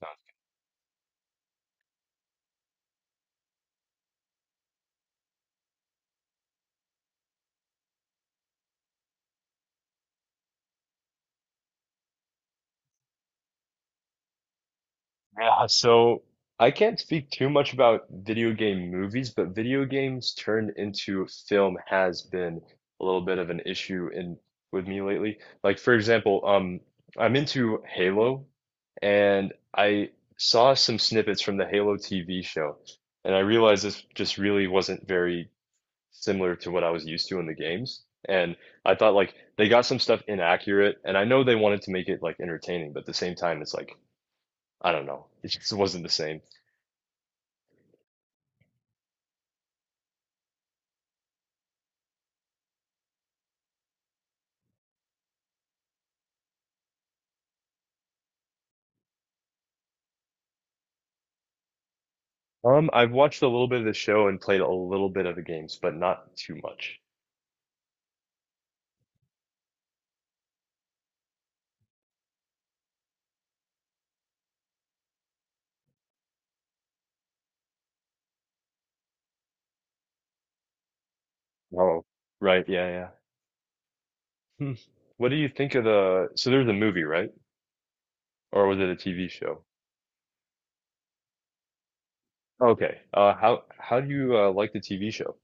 Sounds- Yeah, so I can't speak too much about video game movies, but video games turned into film has been a little bit of an issue in with me lately. Like for example, I'm into Halo, and I saw some snippets from the Halo TV show, and I realized this just really wasn't very similar to what I was used to in the games. And I thought like they got some stuff inaccurate, and I know they wanted to make it like entertaining, but at the same time, it's like I don't know. It just wasn't the same. I've watched a little bit of the show and played a little bit of the games, but not too much. Oh, right, yeah, yeah. Hmm. What do you think of the, So there's a movie, right? Or was it a TV show? Okay. How do you like the TV show?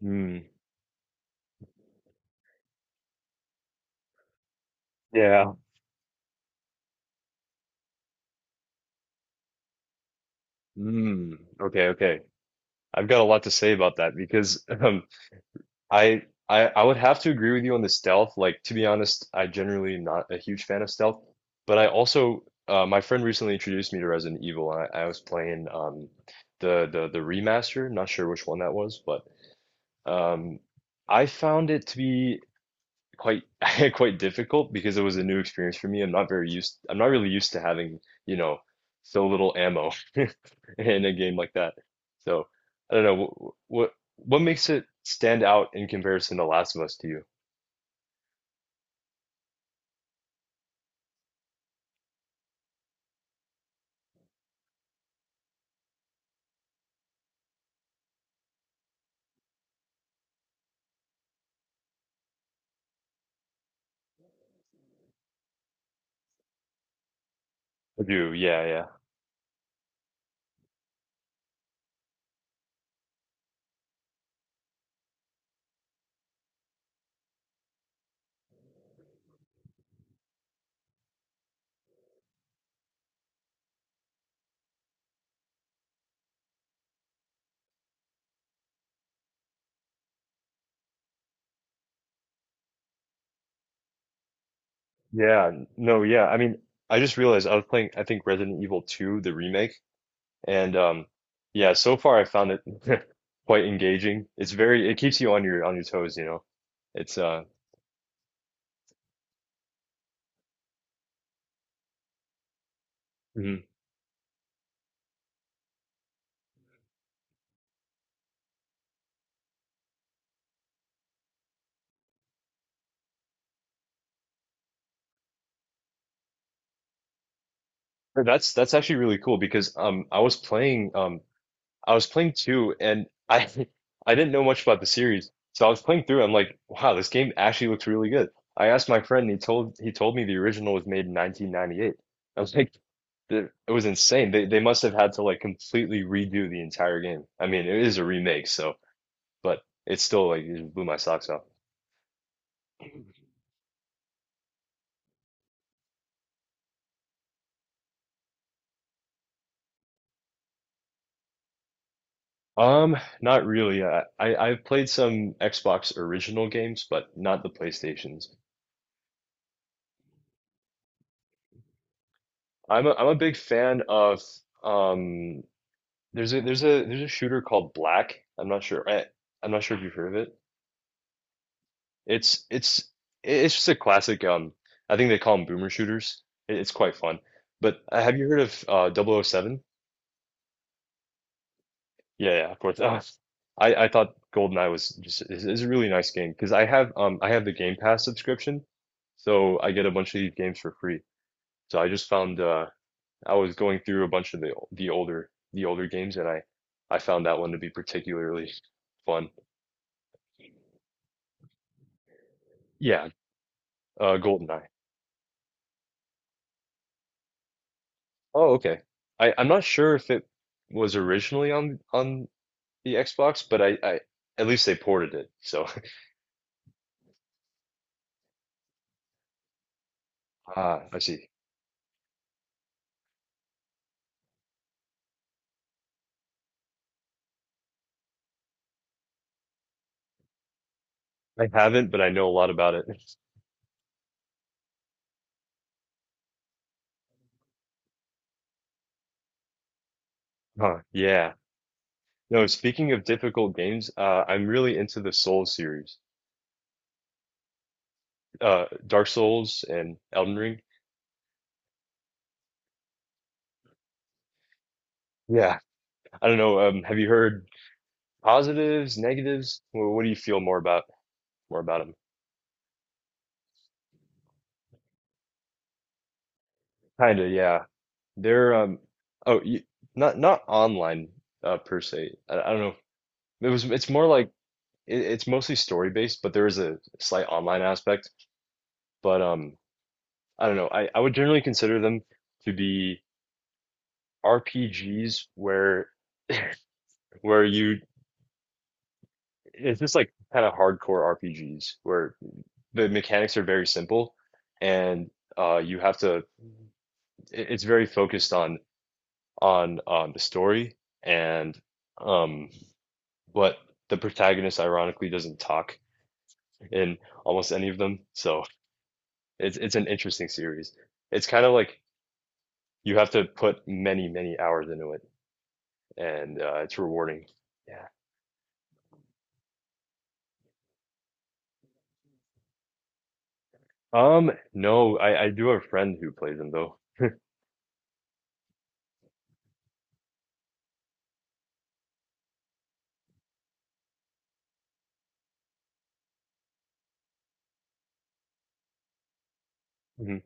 Hmm. Yeah. Hmm. Okay, okay. I've got a lot to say about that because I I would have to agree with you on the stealth. Like to be honest, I generally am not a huge fan of stealth, but I also my friend recently introduced me to Resident Evil, and I was playing the remaster. Not sure which one that was, but um I found it to be quite quite difficult because it was a new experience for me. I'm not really used to having, you know, so little ammo in a game like that. So I don't know what makes it stand out in comparison to Last of Us to you? I do, yeah, yeah. Yeah, no, yeah. I mean, I just realized I was playing, I think Resident Evil 2, the remake, and yeah, so far I found it quite engaging. It keeps you on your toes. It's No, that's actually really cool because I was playing two, and I I didn't know much about the series. So I was playing through, I'm like, wow, this game actually looks really good. I asked my friend, and he told me the original was made in 1998. I was like, " It was insane. They must have had to like completely redo the entire game. I mean, it is a remake, so but it's still like it just blew my socks off. Um, not really. I've played some Xbox original games, but not the PlayStations. I'm a big fan of um there's a there's a shooter called Black. I'm not sure. I'm not sure if you've heard of it. It's it's it's just a classic I think they call them boomer shooters. It's quite fun. But have you heard of 007? Yeah, yeah, of course. I thought GoldenEye was just is a really nice game because I have the Game Pass subscription. So I get a bunch of these games for free. So I just found I was going through a bunch of the older games, and I found that one to be particularly fun. Yeah, GoldenEye. Oh, okay. I'm not sure if it was originally on the Xbox, but I at least they ported it. So ah, I see. I haven't, but I know a lot about it. Huh, yeah. No, speaking of difficult games, I'm really into the Souls series, Dark Souls and Elden Ring. Yeah. I don't know. Have you heard? Positives, negatives. Well, what do you feel more about them? Kind of, yeah. They're oh, you, not online per se. I don't know. It's more like it's mostly story based, but there is a slight online aspect. But I don't know. I would generally consider them to be RPGs where you, it's just like kind of hardcore RPGs where the mechanics are very simple, and you have to, it's very focused on the story, and um, but the protagonist ironically doesn't talk in almost any of them, so it's an interesting series. It's kind of like you have to put many, many hours into it, and it's rewarding. Yeah. No, I do have a friend who plays them, though. Hmm,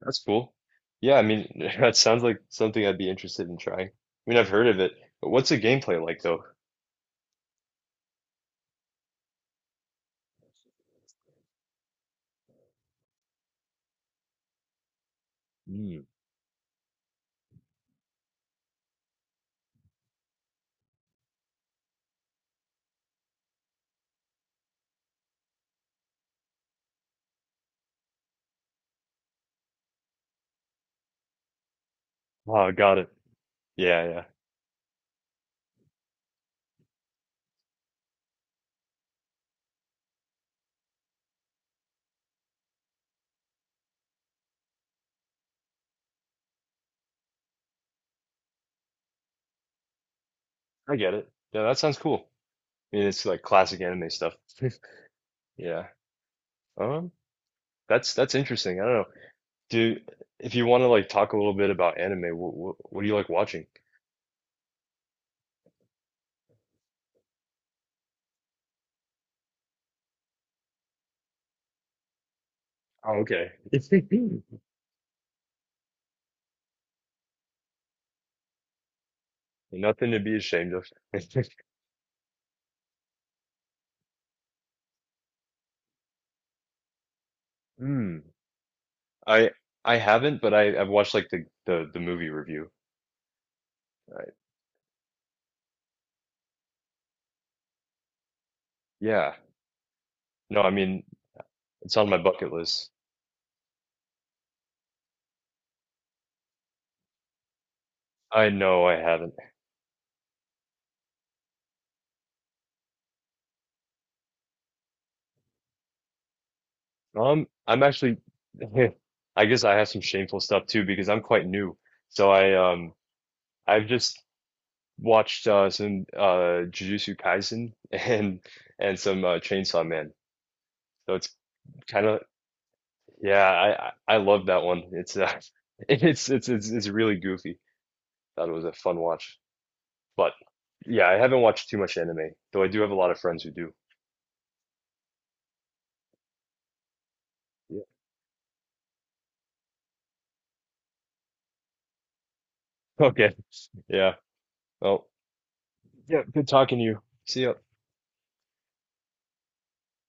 that's cool. Yeah, I mean, that sounds like something I'd be interested in trying. I mean, I've heard of it, but what's the gameplay like, though? Mm. Oh, got it. Yeah, yeah. I get it. Yeah, that sounds cool. It's like classic anime stuff. Yeah. Um, that's interesting. I don't know. Do If you want to like talk a little bit about anime, what do you like watching? Oh, okay. It's Nothing to be ashamed of. Hmm. I I haven't, but I've watched like the movie review. Right. Yeah. No, I mean, it's on my bucket list. I know I haven't. I'm actually. I guess I have some shameful stuff too because I'm quite new. So I've just watched some Jujutsu Kaisen and some Chainsaw Man. So it's kind of Yeah, I love that one. It's it's really goofy. Thought it was a fun watch, but yeah, I haven't watched too much anime, though I do have a lot of friends who do. Yeah. Okay. Yeah. Well, yeah. Good talking to you. See ya.